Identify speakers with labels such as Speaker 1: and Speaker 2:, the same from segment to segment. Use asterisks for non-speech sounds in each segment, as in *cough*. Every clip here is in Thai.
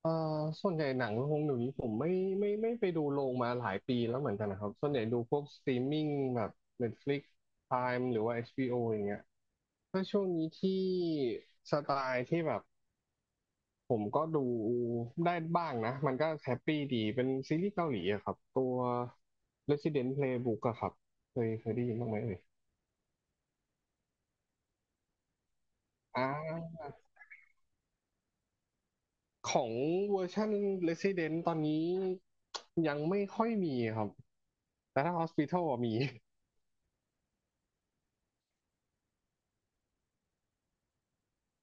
Speaker 1: เอ่อส่วนใหญ่หนังโรงเดี๋ยวนี้ผมไม่ไปดูโรงมาหลายปีแล้วเหมือนกันนะครับส่วนใหญ่ดูพวกสตรีมมิ่งแบบ Netflix Prime หรือว่า HBO อชบีโออย่างเงี้ยถ้าช่วงนี้ที่สไตล์ที่แบบผมก็ดูได้บ้างนะมันก็แฮปปี้ดีเป็นซีรีส์เกาหลีอะครับตัว Resident Playbook อะครับเคยได้ยินบ้างไหมเอ่ยอ่าของเวอร์ชัน Resident ตอนนี้ยังไม่ค่อยมีครับแต่ถ้า Hospital อะมี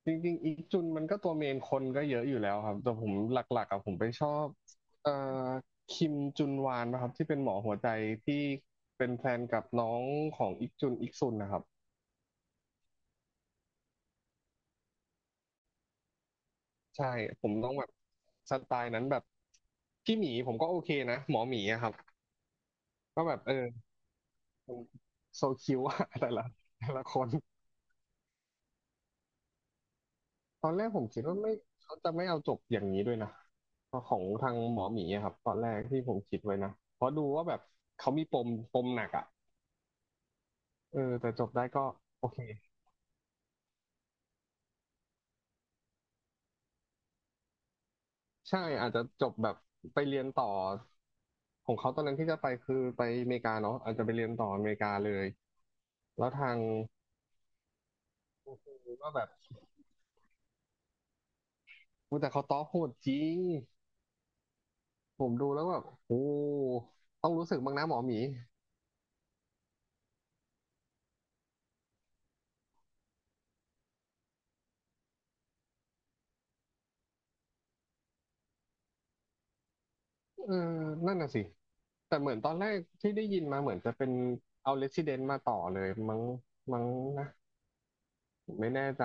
Speaker 1: จริงๆอีกจุนมันก็ตัวเมนคนก็เยอะอยู่แล้วครับแต่ผมหลักๆอะผมไปชอบเอ่อคิมจุนวานนะครับที่เป็นหมอหัวใจที่เป็นแฟนกับน้องของอีกจุนอีกซุนนะครับใช่ผมต้องแบบสไตล์นั้นแบบพี่หมีผมก็โอเคนะหมอหมีอะครับก็แบบเออโซคิวอะแต่ละคนตอนแรกผมคิดว่าไม่เขาจะไม่เอาจบอย่างนี้ด้วยนะของทางหมอหมีอะครับตอนแรกที่ผมคิดไว้นะเพราะดูว่าแบบเขามีปมปมหนักอ่ะ เออแต่จบได้ก็โอเคใช่อาจจะจบแบบไปเรียนต่อของเขาตอนนั้นที่จะไปคือไปอเมริกาเนาะอาจจะไปเรียนต่ออเมริกาเลยแล้วทางว่าแบบอุ๊ยแต่เขาต้อโหดจริงผมดูแล้วแบบโอ้ต้องรู้สึกบ้างนะหมอหมีเออนั่นน่ะสิแต่เหมือนตอนแรกที่ได้ยินมาเหมือนจะเป็นเอา Resident มาต่อเลยมั้งนะผมไม่แน่ใจ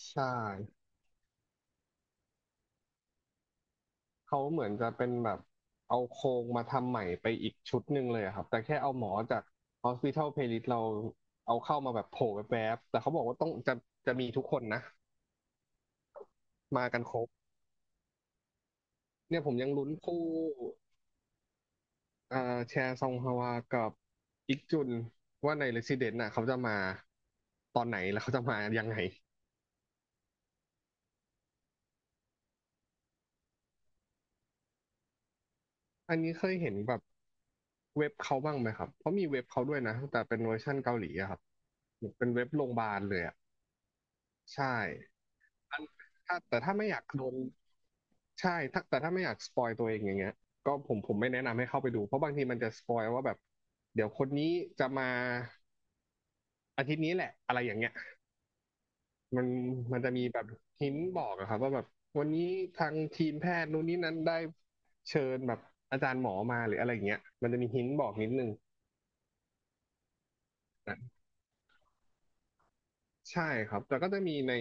Speaker 1: ใช่ เขาเหมือนจะเป็นแบบเอาโครงมาทำใหม่ไปอีกชุดหนึ่งเลยอะครับแต่แค่เอาหมอจาก Hospital Playlist เราเอาเข้ามาแบบโผล่แวบๆแต่เขาบอกว่าต้องจะมีทุกคนนะมากันครบเนี่ยผมยังลุ้นคู่เอ่อแชร์ซองฮวากับอิกจุนว่าใน Resident น่ะเขาจะมาตอนไหนแล้วเขาจะมายังไงอันนี้เคยเห็นแบบเว็บเขาบ้างไหมครับเพราะมีเว็บเขาด้วยนะแต่เป็นเวอร์ชั่นเกาหลีอะครับเป็นเว็บโรงพยาบาลเลยอะใช่ ถ้าแต่ถ้าไม่อยากโดนใช่ถ้าแต่ถ้าไม่อยากสปอยตัวเองอย่างเงี้ยก็ผมไม่แนะนำให้เข้าไปดู เพราะบางทีมันจะสปอยว่าแบบเดี๋ยวคนนี้จะมาอาทิตย์นี้แหละอะไรอย่างเงี้ยมันมันจะมีแบบหินบอกอะครับว่าแบบวันนี้ทางทีมแพทย์นู่นนี่นั้นได้เชิญแบบอาจารย์หมอมาหรืออะไรอย่างเงี้ยมันจะมีหินบอกนิดนึงนะใช่ครับ แต่ก็จะมีใน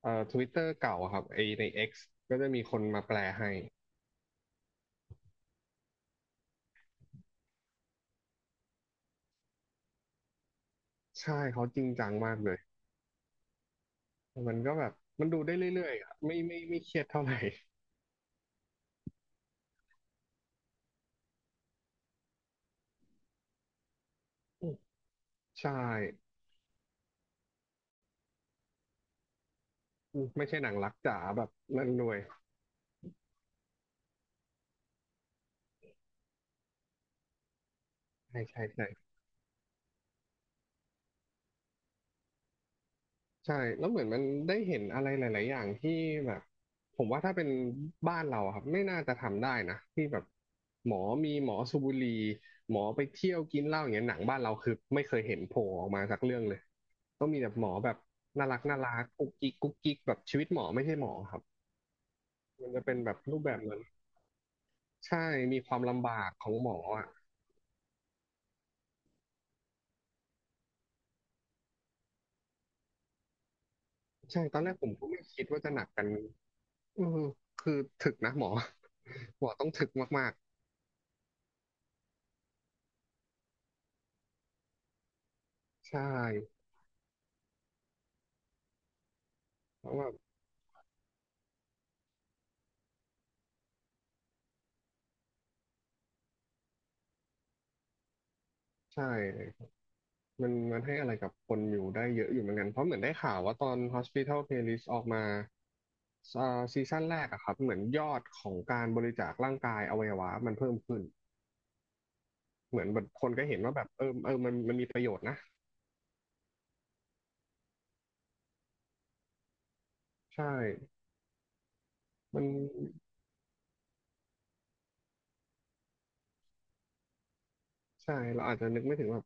Speaker 1: ทวิตเตอร์เก่าอะครับไอใน X ก็จะมีคนมาแปลให้ใช่เขาจริงจังมากเลย มันก็แบบมันดูได้เรื่อยๆอะไม่เครียดเท่าไหร่อืมใช่อืมไม่ใช่หนังรักจ๋าแบบนั่นด้วยใช่ใช่ใช่ใช่แล้วเหมือนมันได้เห็นอะไรหลายๆอย่างที่แบบผมว่าถ้าเป็นบ้านเราอะครับไม่น่าจะทำได้นะที่แบบหมอมีหมอสูบบุหรี่หมอไปเที่ยวกินเหล้าอย่างเงี้ยหนังบ้านเราคือไม่เคยเห็นโผล่ออกมาสักเรื่องเลยก็มีแต่หมอแบบน่ารักน่ารักกุ๊กกิ๊กกุ๊กกิ๊กแบบชีวิตหมอไม่ใช่หมอครับมันจะเป็นแบบรูปแบบนั้นใช่มีความลำบากของหมออ่ะ ใช่ตอนแรกผมก็ไม่คิดว่าจะหนักกันอืมคือถึกนะหมอ *laughs* หมอต้องถึกมากๆใช่เพราะว่าใช่มันให้อะไรกับคนอยู่ได้เยอะอยู่เหมือนกันเพราะเหมือนได้ข่าวว่าตอน Hospital Playlist ออกมาอ่าซีซั่นแรกอะครับเหมือนยอดของการบริจาคร่างกายอวัยวะมันเพิ่มขึ้นเหมือนแบบคนก็เห็นว่าแบบเออมันมีประโยชน์นะใช่มันใช่เราอาจจะนึกไม่ถึงว่า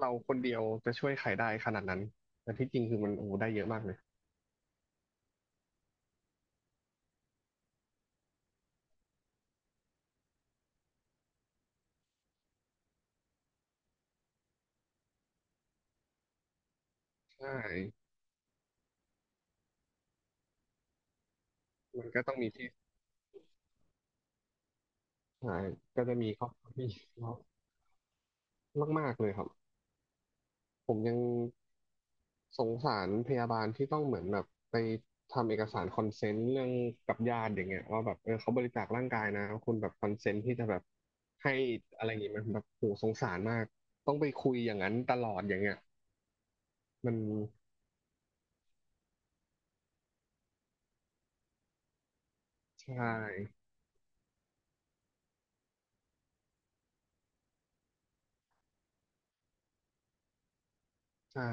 Speaker 1: เราคนเดียวจะช่วยใครได้ขนาดนั้นแต่ที่จริงคือมันโอ้โหได้เยอะมากเลย ใช่มันก็ต้องมีที่หายก็จะมีครอบครัวที่เยอะมากๆเลยครับผมยังสงสารพยาบาลที่ต้องเหมือนแบบไปทำเอกสารคอนเซนต์เรื่องกับญาติอย่างเงี้ยว่าแบบเออเขาบริจาคร่างกายนะคุณแบบคอนเซนต์ที่จะแบบให้อะไรอย่างเงี้ยมันแบบโหสงสารมากต้องไปคุยอย่างนั้นตลอดอย่างเงี้ยมันใช่ใช่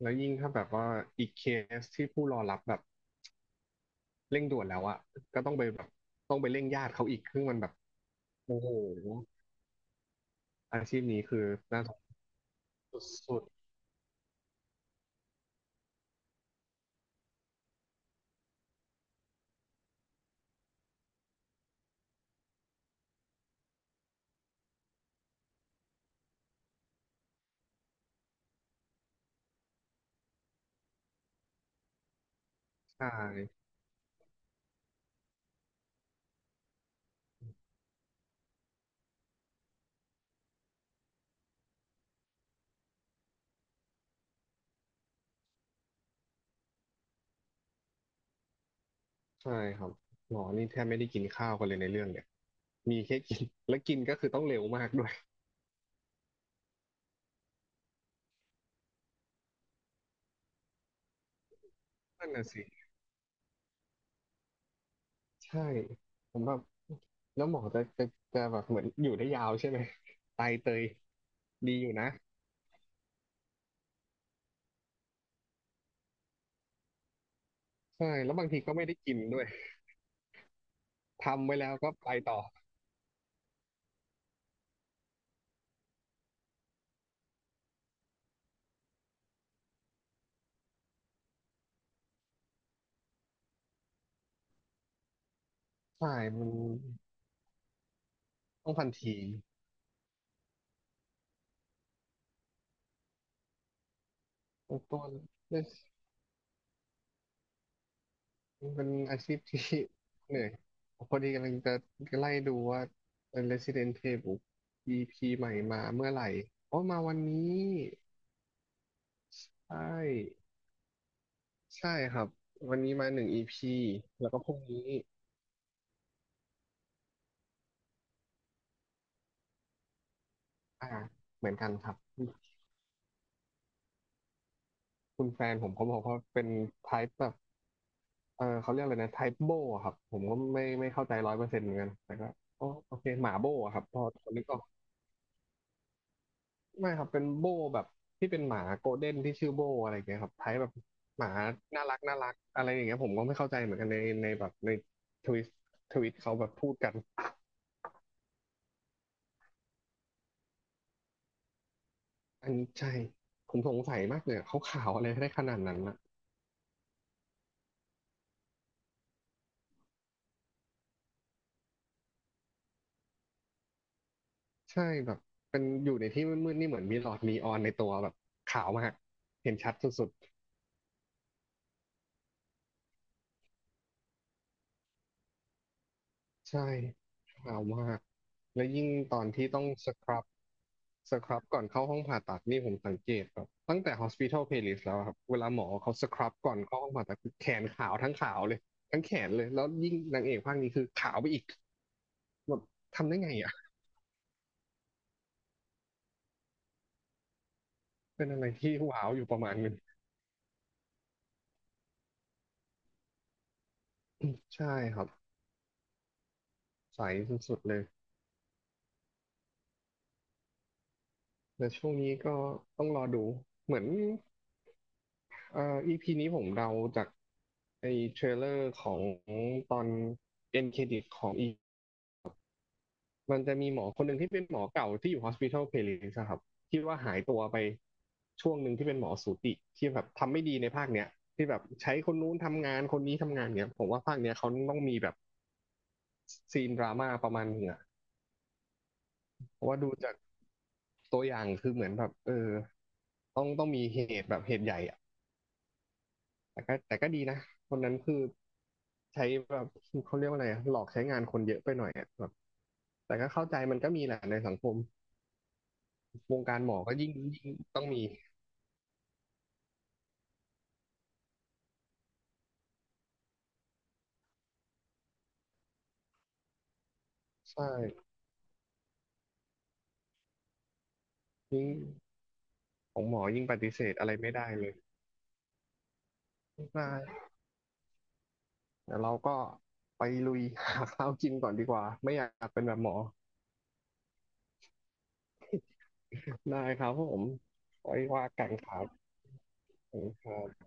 Speaker 1: แล้วยิ่งถ้าแบบว่าอีกเคสที่ผู้รอรับแบบเร่งด่วนแล้วอะก็ต้องไปแบบต้องไปเร่งญาติเขาอีกซึ่งมันแบบ โอ้โหอาชีพนี้คือน่าสนสุดๆใช่ใช่ครับหมอนี่แทบไม่ได้กินข้าวกันเลยในเรื่องเนี่ยมีแค่กิน *laughs* แล้วกินก็คือต้องเร็วมากด้วยนั่นน่ะสิใช่ผมแบบแล้วหมอจะแบบเหมือนอยู่ได้ยาวใช่ไหมไตเตยดีอยู่นะใช่แล้วบางทีก็ไม่ได้กินด้วยทำไว้แล้วก็ไปต่อใช่มันต้องทันทีต้องต้น มันเป็นอาชีพที่ *laughs* เหนื่อยพอดีกำลังจะไล่ดูว่า Resident Playbook EP ใหม่มาเมื่อไหร่อ๋อมาวันนี้ใช่ใช่ครับวันนี้มาหนึ่ง EP แล้วก็พรุ่งนี้อ่าเหมือนกันครับคุณแฟนผมเขาบอกว่าเป็น type แบบเขาเรียกอะไรนะ type โบอะครับผมก็ไม่เข้าใจร้อยเปอร์เซ็นต์เหมือนกันแต่ก็อ๋อโอเคหมาโบอะครับพอนึกออก ไม่ครับเป็นโบแบบที่เป็นหมาโกลเด้นที่ชื่อโบอะไรอย่างเงี้ยครับไทยแบบหมาน่ารักน่ารักอะไรอย่างเงี้ยผมก็ไม่เข้าใจเหมือนกันในในแบบในทวิตทวิตเขาแบบพูดกันอันนี้ใช่ผมสงสัยมากเลยอะเขาขาวอะไรได้ขนาดนั้นนะใช่แบบเป็นอยู่ในที่มืดๆนี่เหมือนมีหลอดนีออนในตัวแบบขาวมากเห็นชัดสุด ใช่ขาวมาก และยิ่งตอนที่ต้องสครับก่อนเข้าห้องผ่าตัดนี่ผมสังเกตแบบตั้งแต่ hospital playlist แล้วอะครับ เวลาหมอเขาสครับก่อนเข้าห้องผ่าตัดคือแขนขาวทั้งขาวเลย ทั้งแขนเลย แล้วยิ่งนางเอกภาคนี้คือขาวไปอีกแบบทำได้ไงอ่ะ เป็นอะไรที่ว้าวอยู่ประมาณหนึงใช่ครับ ใสสุดๆเลย และช่วงนี้ก็ต้องรอดูเหมือน EP นี้ผมเดาจากไอ้เทรลเลอร์ของตอนเอ็นเครดิตของอีพีมันจะมีหมอคนหนึ่งที่เป็นหมอเก่าที่อยู่ Hospital Playlist อะครับที่ว่าหายตัวไปช่วงหนึ่งที่เป็นหมอสูติที่แบบทำไม่ดีในภาคเนี้ยที่แบบใช้คนนู้นทำงานคนนี้ทำงานเนี้ยผมว่าภาคเนี้ยเขาต้องมีแบบซีนดราม่าประมาณหนึงอะเพราะว่าดูจากตัวอย่างคือเหมือนแบบต้องมีเหตุแบบเหตุใหญ่อะ แต่ก็ดีนะคนนั้นคือใช้แบบเขาเรียกว่าอะไรอะหลอกใช้งานคนเยอะไปหน่อยอะแบบแต่ก็เข้าใจมันก็มีแหละในสังคมวงการหมอก็ยิ่งต้องมีใช่ยิ่งของหมอยิ่งปฏิเสธอะไรไม่ได้เลยได้เดี๋ยวเราก็ไปลุยหาข้าวกินก่อนดีกว่าไม่อยากเป็นแบบหมอได้ครับผมไว้ว่ากันครับขอบคุณครับ